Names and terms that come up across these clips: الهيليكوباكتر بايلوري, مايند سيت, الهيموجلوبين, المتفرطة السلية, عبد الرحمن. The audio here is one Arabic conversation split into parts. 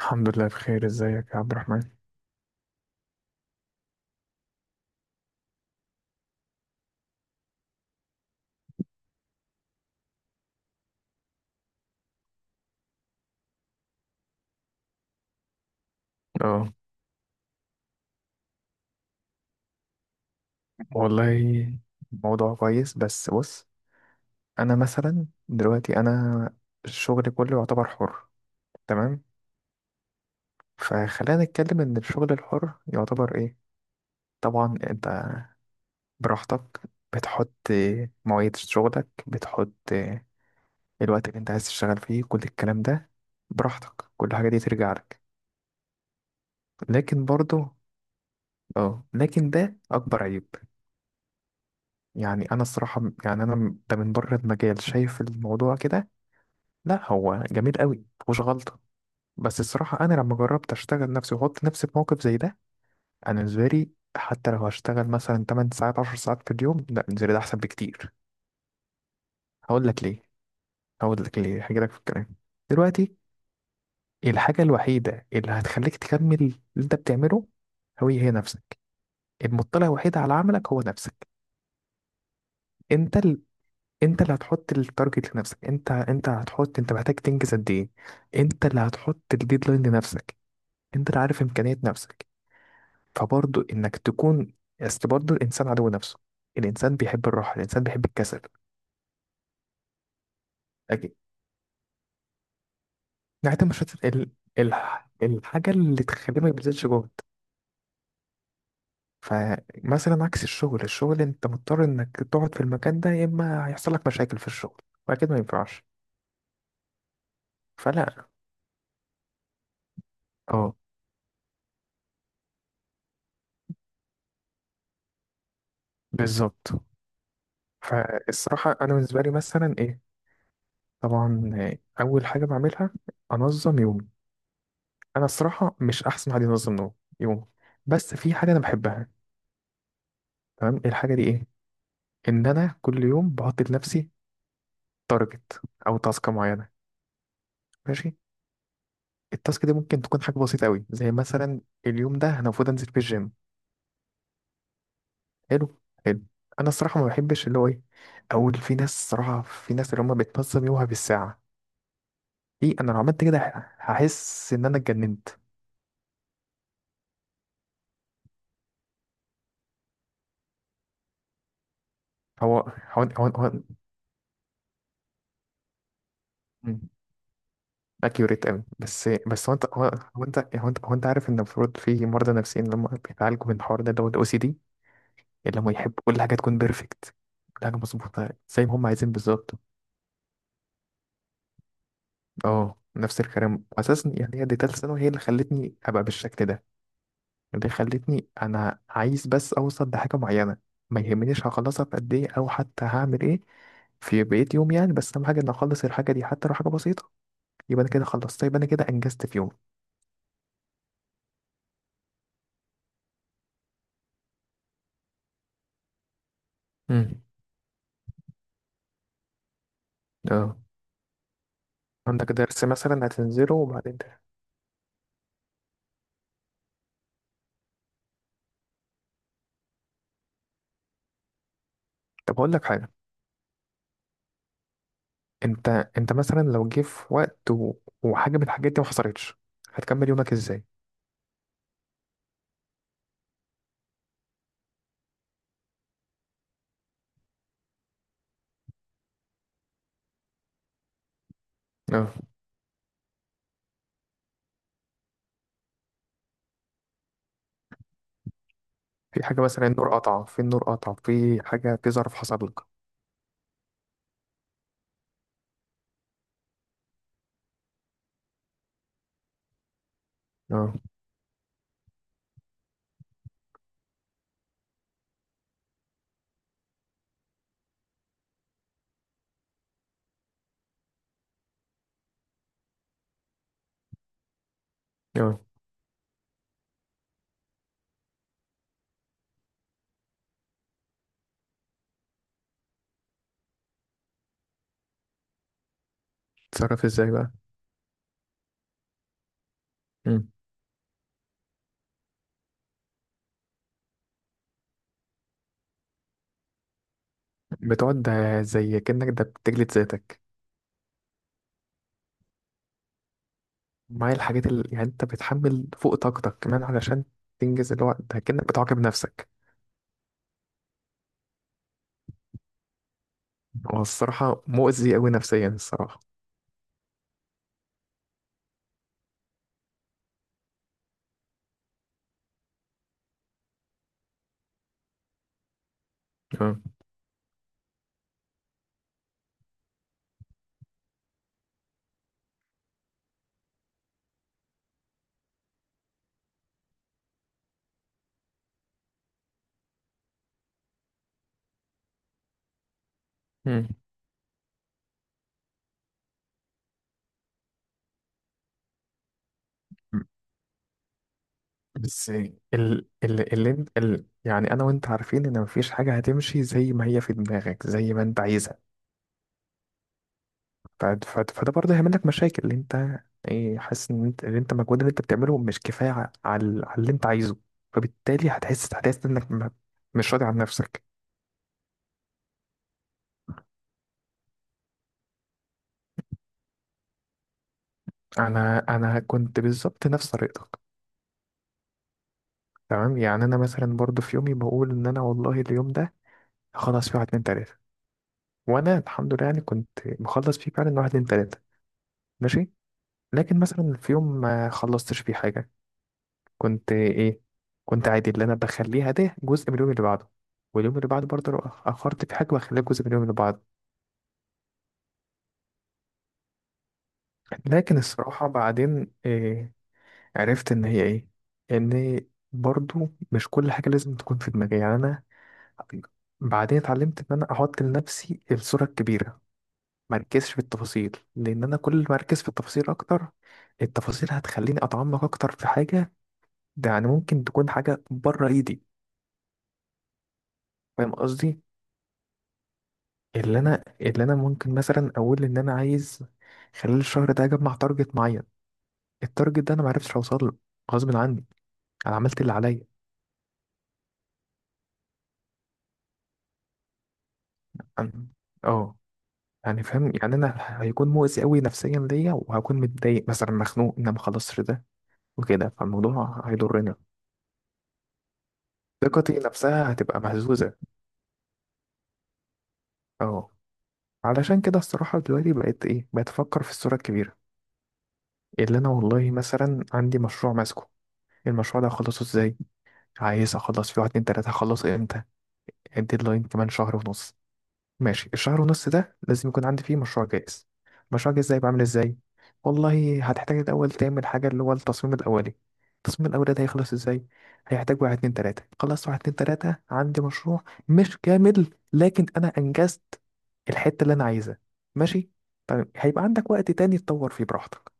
الحمد لله بخير. ازيك يا عبد الرحمن؟ اه، والله موضوع كويس، بس بص. انا مثلا دلوقتي، انا الشغل كله يعتبر حر. تمام. فخلينا نتكلم ان الشغل الحر يعتبر ايه. طبعا انت براحتك، بتحط مواعيد شغلك، بتحط الوقت اللي انت عايز تشتغل فيه، كل الكلام ده براحتك، كل حاجة دي ترجع لك. لكن برضو، اه لكن ده اكبر عيب. يعني انا الصراحه يعني انا ده، من بره المجال، شايف الموضوع كده. لا، هو جميل قوي، مفيهوش غلطه. بس الصراحه انا لما جربت اشتغل نفسي واحط نفسي في موقف زي ده، انا بالنسبه لي حتى لو هشتغل مثلا 8 ساعات 10 ساعات في اليوم، لا، بالنسبه لي ده احسن بكتير. هقول لك ليه. هقول لك ليه، هجي لك في الكلام. دلوقتي الحاجه الوحيده اللي هتخليك تكمل اللي انت بتعمله هو هي نفسك. المطلع الوحيد على عملك هو نفسك. انت انت اللي هتحط التارجت لنفسك. انت هتحط، انت محتاج تنجز قد ايه. انت اللي هتحط الديدلاين لنفسك. انت اللي عارف امكانيات نفسك. فبرضه انك تكون، اصل برضه الانسان عدو نفسه. الانسان بيحب الراحه، الانسان بيحب الكسل. اكيد. نعتمد مش هت- ال... ال... الحاجه اللي تخليه ما يبذلش جهد. فمثلا عكس الشغل انت مضطر انك تقعد في المكان ده، يا اما هيحصل لك مشاكل في الشغل. واكيد ما ينفعش. فلا، اه، بالظبط. فالصراحه انا بالنسبه لي مثلا ايه، طبعا، اول حاجه بعملها انظم يومي. انا الصراحه مش احسن حد ينظم يوم. بس في حاجه انا بحبها. تمام، الحاجه دي ايه؟ ان انا كل يوم بحط لنفسي تارجت او تاسك معينه، ماشي. التاسك دي ممكن تكون حاجه بسيطه قوي، زي مثلا اليوم ده انا المفروض انزل في الجيم. حلو، حلو. انا الصراحه ما بحبش اللي هو ايه، اول في ناس، صراحه، في ناس اللي هم بتنظم يومها بالساعه. دي انا لو عملت كده هحس ان انا اتجننت. هو هو هو, هو... اكيوريت قوي، بس هو انت عارف ان المفروض في مرضى نفسيين لما بيتعالجوا من الحوار ده اللي هو الاو سي دي. اللي هم يحبوا كل حاجه تكون بيرفكت، كل حاجه مظبوطه زي ما هم عايزين بالظبط. اه، نفس الكلام اساسا. يعني هي دي تالت ثانوي، هي اللي خلتني ابقى بالشكل ده. اللي خلتني انا عايز بس اوصل لحاجه معينه. ما يهمنيش هخلصها في قد ايه او حتى هعمل ايه في بقية يوم. يعني بس اهم حاجه ان اخلص الحاجه دي، حتى لو حاجه بسيطه. يبقى انا كده خلصت، يبقى انا كده انجزت في يوم. امم. اه، عندك درس مثلا هتنزله وبعدين ده. طب هقول لك حاجة. انت انت مثلا لو جه في وقت و... وحاجة من الحاجات دي ما حصلتش، هتكمل يومك ازاي؟ اه، في حاجة مثلا النور قطع، في النور قطع، في حاجة، في ظرف حصل لك. اه، اه. تتصرف ازاي بقى؟ مم. بتقعد، ده زي كأنك ده بتجلد ذاتك، معايا الحاجات اللي يعني انت بتحمل فوق طاقتك كمان، علشان تنجز الوقت ده، كأنك بتعاقب نفسك. هو الصراحة مؤذي أوي نفسيا الصراحة. اه. مم. بس ال ال اللي انت ال يعني انا وانت عارفين ان مفيش حاجه هتمشي زي ما هي في دماغك، زي ما انت عايزها. فده برضه هيعمل لك مشاكل، اللي انت ايه، حاسس ان انت، اللي انت المجهود اللي انت بتعمله مش كفايه على على اللي انت عايزه. فبالتالي هتحس انك مش راضي عن نفسك. انا كنت بالظبط نفس طريقتك. تمام. يعني انا مثلا برضه في يومي بقول ان انا والله اليوم ده هخلص فيه واحد اتنين تلاته، وانا الحمد لله يعني كنت مخلص فيه فعلا واحد اتنين تلاته، ماشي. لكن مثلا في يوم ما خلصتش فيه حاجة، كنت ايه؟ كنت عادي، اللي انا بخليها ده جزء من اليوم اللي بعده. واليوم اللي بعده برضه لو اخرت في حاجة بخليها جزء من اليوم اللي بعده. لكن الصراحة بعدين إيه؟ عرفت ان هي ايه، ان برضه مش كل حاجة لازم تكون في دماغي. يعني انا بعدين اتعلمت ان انا احط لنفسي الصورة الكبيرة. مركزش في التفاصيل، لان انا كل ما اركز في التفاصيل اكتر، التفاصيل هتخليني اتعمق اكتر في حاجة، ده يعني ممكن تكون حاجة بره ايدي. فاهم قصدي؟ اللي انا ممكن مثلا اقول ان انا عايز خلال الشهر ده اجمع تارجت معين، التارجت ده انا ما عرفتش اوصل له، غصب عني، انا عملت اللي عليا. أم- اه. يعني فاهم، يعني انا هيكون مؤذي قوي نفسيا ليا، وهكون متضايق مثلا، مخنوق ان انا ما خلصتش ده، وكده فالموضوع هيضرني، ثقتي نفسها هتبقى مهزوزه. اه، علشان كده الصراحه دلوقتي بقيت ايه، بقيت افكر في الصوره الكبيره. اللي انا، والله مثلا عندي مشروع ماسكه، المشروع ده هخلصه ازاي، عايز اخلص في واحد اتنين تلاتة، هخلص امتى؟ الديدلاين كمان شهر ونص. ماشي. الشهر ونص ده لازم يكون عندي فيه مشروع جاهز. مشروع جاهز ده يبقى عامل ازاي؟ والله هتحتاج الاول تعمل حاجة، اللي هو التصميم الاولي. التصميم الاولي ده هيخلص ازاي؟ هيحتاج واحد اتنين تلاتة. خلصت واحد اتنين تلاتة، عندي مشروع مش كامل، لكن انا انجزت الحتة اللي انا عايزها. ماشي. طيب هيبقى عندك وقت تاني تطور فيه براحتك.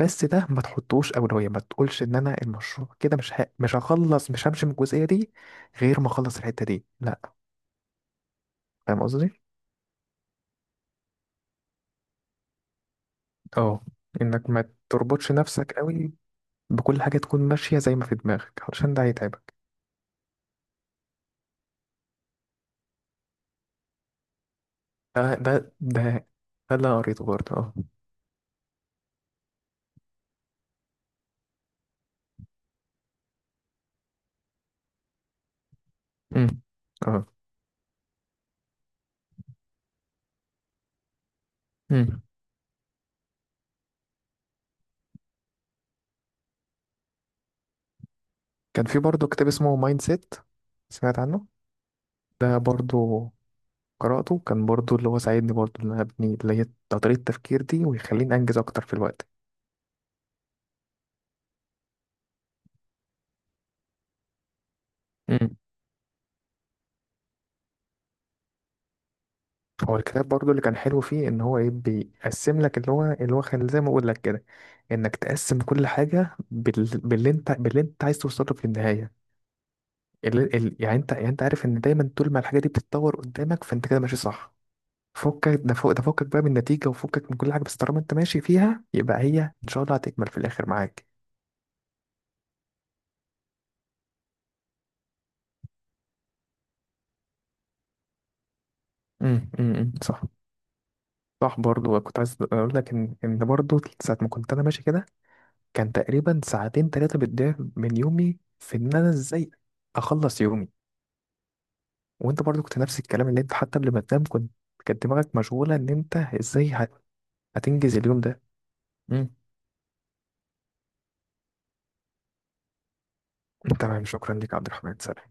بس ده ما تحطوش اولويه، ما تقولش ان انا المشروع كده مش هخلص، مش همشي من الجزئيه دي غير ما اخلص الحته دي، لا. فاهم قصدي، اه. انك ما تربطش نفسك قوي بكل حاجه تكون ماشيه زي ما في دماغك، علشان ده هيتعبك. ده ده ده ده اللي أنا قريته برضه، اه. امم. اه. امم. كان في برضه كتاب اسمه مايند سيت، سمعت عنه. ده برضه قرأته، كان برضه اللي هو ساعدني برضه ان انا ابني اللي هي طريقه التفكير دي، ويخليني انجز اكتر في الوقت. هو الكتاب برضو اللي كان حلو فيه ان هو ايه، بيقسم لك اللي هو كان زي ما اقول لك كده، انك تقسم كل حاجه باللي انت عايز توصله في النهايه. يعني انت عارف ان دايما طول ما الحاجه دي بتتطور قدامك فانت كده ماشي صح. فكك ده فوق ده، فكك بقى من النتيجه، وفكك من كل حاجه، بس طالما انت ماشي فيها يبقى هي ان شاء الله هتكمل في الاخر معاك. امم، صح. صح، برضو كنت عايز اقول لك ان برضو ساعه ما كنت انا ماشي كده، كان تقريبا ساعتين ثلاثة بتضيع من يومي في إن أنا إزاي أخلص يومي. وأنت برضو كنت نفس الكلام، اللي أنت حتى قبل ما تنام كنت، كانت دماغك مشغولة إن أنت إزاي هتنجز اليوم ده. مم. تمام، شكرا لك يا عبد الرحمن. سلام.